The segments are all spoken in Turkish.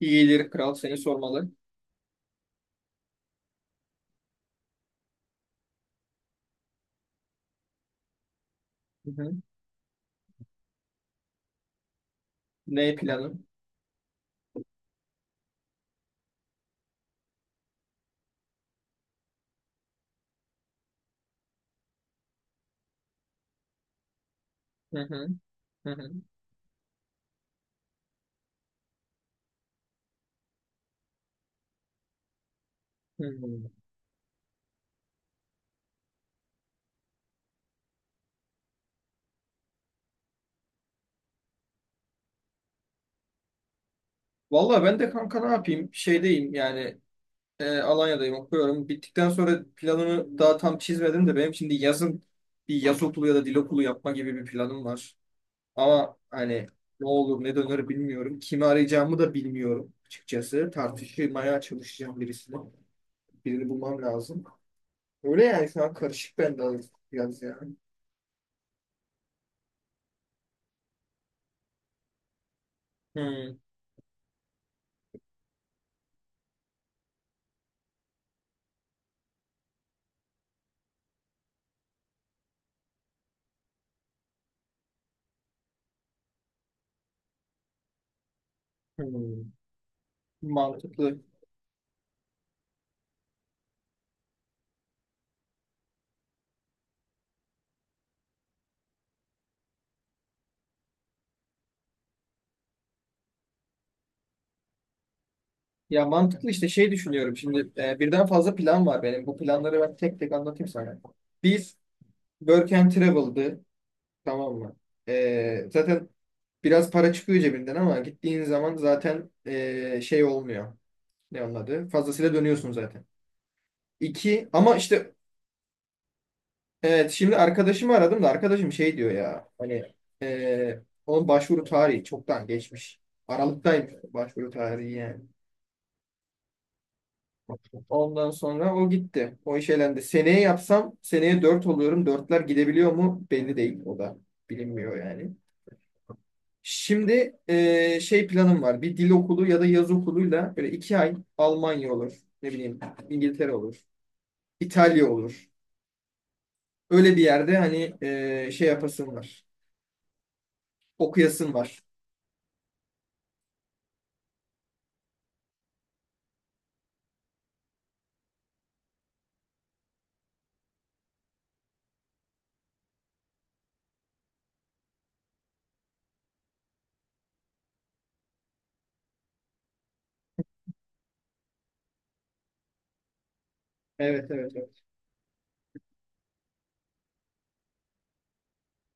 İyidir kral seni sormalı. Hı hı. Ne planın? Hı hı. Hı hı. Hı. Vallahi ben de kanka ne yapayım? Şeydeyim yani, Alanya'dayım okuyorum. Bittikten sonra planımı daha tam çizmedim de benim şimdi yazın bir yaz okulu ya da dil okulu yapma gibi bir planım var. Ama hani ne olur ne döner bilmiyorum. Kimi arayacağımı da bilmiyorum açıkçası. Tartışmaya çalışacağım birisini. Birini bulmam lazım. Öyle yani şu an karışık bende biraz yani. Hı. Hı. Mantıklı. Ya mantıklı işte şey düşünüyorum şimdi, birden fazla plan var benim. Bu planları ben tek tek anlatayım sana. Biz Work and Travel'dı, tamam mı? Zaten biraz para çıkıyor cebinden ama gittiğin zaman zaten, şey olmuyor. Ne onun adı? Fazlasıyla dönüyorsun zaten. İki ama işte evet, şimdi arkadaşımı aradım da arkadaşım şey diyor ya hani, e, onun başvuru tarihi çoktan geçmiş. Aralıktaymış başvuru tarihi yani. Ondan sonra o gitti. O iş elendi. Seneye yapsam seneye 4 oluyorum. Dörtler gidebiliyor mu? Belli değil. O da bilinmiyor yani. Şimdi şey planım var. Bir dil okulu ya da yaz okuluyla böyle 2 ay Almanya olur. Ne bileyim, İngiltere olur. İtalya olur. Öyle bir yerde hani şey yapasın var. Okuyasın var. Evet, evet, evet.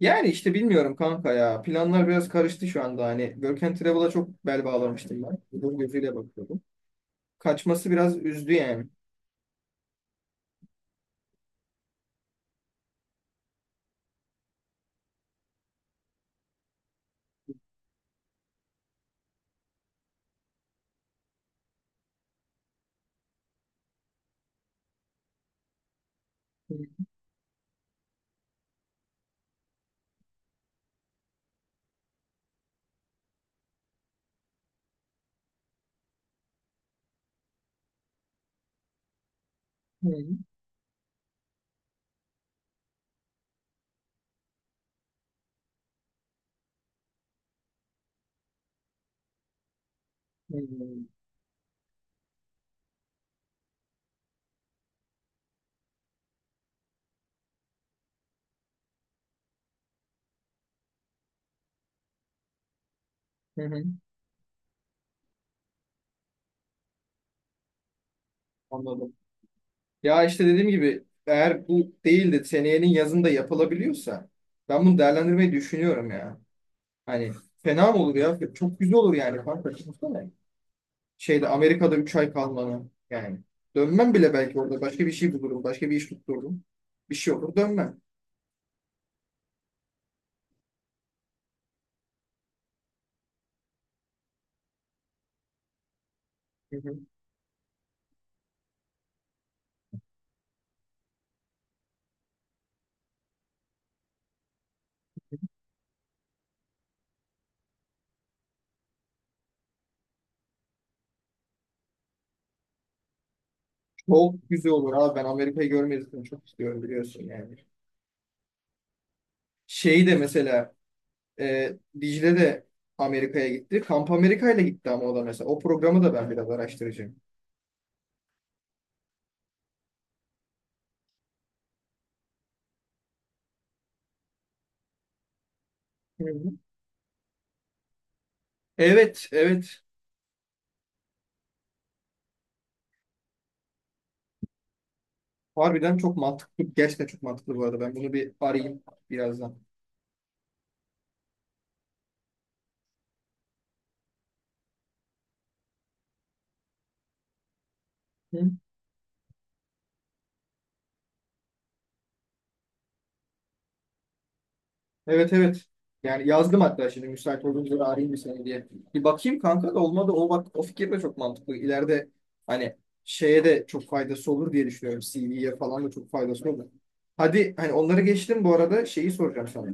Yani işte bilmiyorum kanka ya. Planlar biraz karıştı şu anda. Hani Work and Travel'a çok bel bağlamıştım ben. Bu gözüyle bakıyordum. Kaçması biraz üzdü yani. Hı hı, hı hı, hı. Anladım. Ya işte dediğim gibi eğer bu değil de seneyenin yazında yapılabiliyorsa ben bunu değerlendirmeyi düşünüyorum ya. Hani fena mı olur ya? Çok güzel olur yani kanka. Düşünsene. Şeyde Amerika'da 3 ay kalmanı yani. Dönmem bile belki orada. Başka bir şey bulurum. Başka bir iş tuttururum. Bir şey olur dönmem. Hı hı. Çok güzel olur abi. Ben Amerika'yı görmeyi zaten çok istiyorum biliyorsun yani. Şeyi de mesela E, Dicle de Amerika'ya gitti. Kamp Amerika'yla gitti ama o da mesela. O programı da ben biraz araştıracağım. Hı hı. Evet, evet. Harbiden çok mantıklı. Gerçekten çok mantıklı bu arada. Ben bunu bir arayayım birazdan. Hı. Evet, evet. Yani yazdım hatta şimdi müsait olduğunuzda arayayım bir seni diye. Bir bakayım kanka da olmadı. O bak o fikir de çok mantıklı. İleride hani şeye de çok faydası olur diye düşünüyorum. CV'ye falan da çok faydası olur. Hadi hani onları geçtim bu arada şeyi soracağım sana.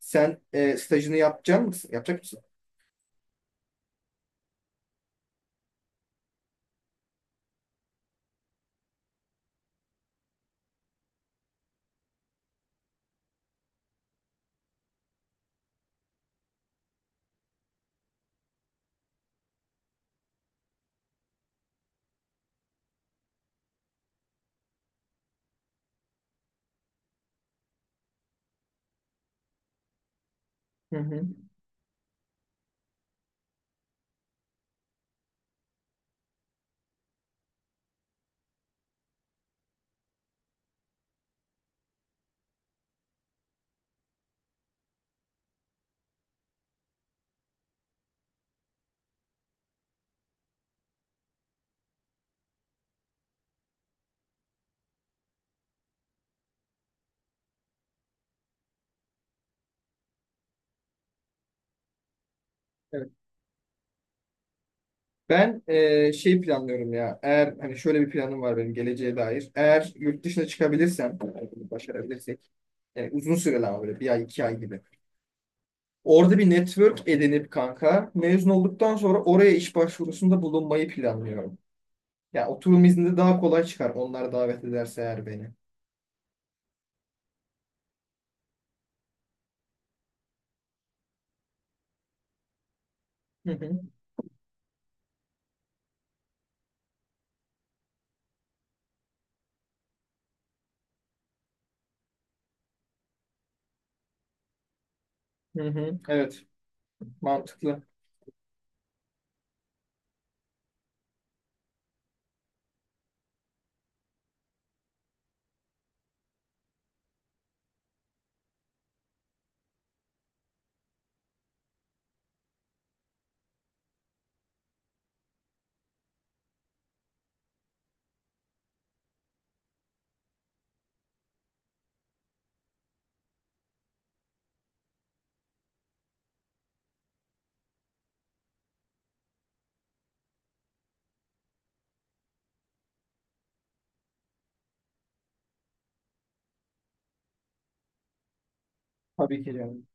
Sen, stajını yapacak mısın? Yapacak mısın? Hı hı. Evet. Ben, şey planlıyorum ya. Eğer hani şöyle bir planım var benim geleceğe dair. Eğer yurt dışına çıkabilirsem, yani bunu başarabilirsek, uzun süreli ama böyle bir ay iki ay gibi. Orada bir network edinip kanka mezun olduktan sonra oraya iş başvurusunda bulunmayı planlıyorum. Ya oturum izninde daha kolay çıkar onlar davet ederse eğer beni. Hı hı. Hı hı. Evet, mantıklı. Tabii ki canım.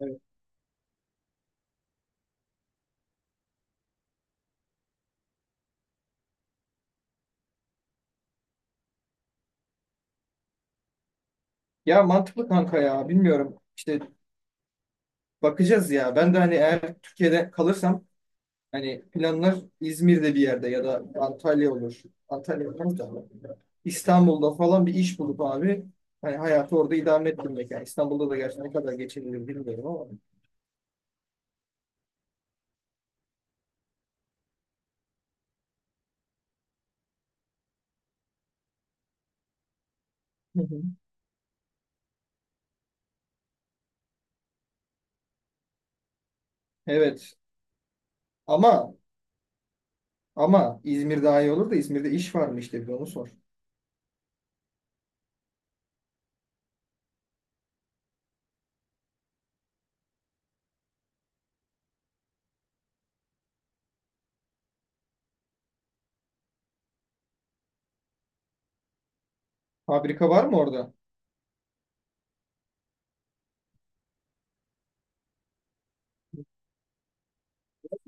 Evet. Ya mantıklı kanka ya. Bilmiyorum. İşte bakacağız ya. Ben de hani eğer Türkiye'de kalırsam, hani planlar İzmir'de bir yerde ya da Antalya olur. Antalya olmaz da İstanbul'da falan bir iş bulup abi, hani hayatı orada idame ettirmek. Yani İstanbul'da da gerçi ne kadar geçinilir bilmiyorum ama. Hı hı. Evet. Ama ama İzmir daha iyi olur da İzmir'de iş var mı işte bir onu sor. Fabrika var mı orada?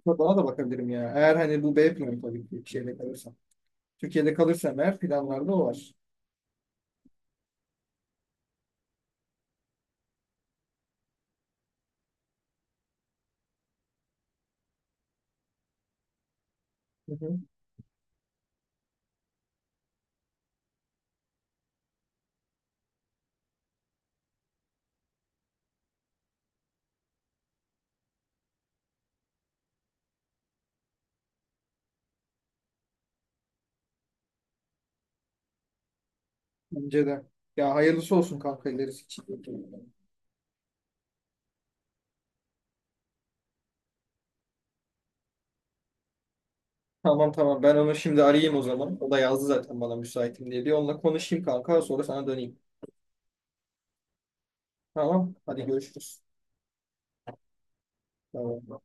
Bana da bakabilirim ya. Eğer hani bu B planı, tabii ki bir şeyle kalırsam. Türkiye'de kalırsam eğer planlarda o var. Hı hı. Bence de. Ya hayırlısı olsun kanka ilerisi için. Tamam tamam, ben onu şimdi arayayım o zaman. O da yazdı zaten bana müsaitim diye. Bir onunla konuşayım kanka sonra sana döneyim. Tamam hadi görüşürüz. Tamam.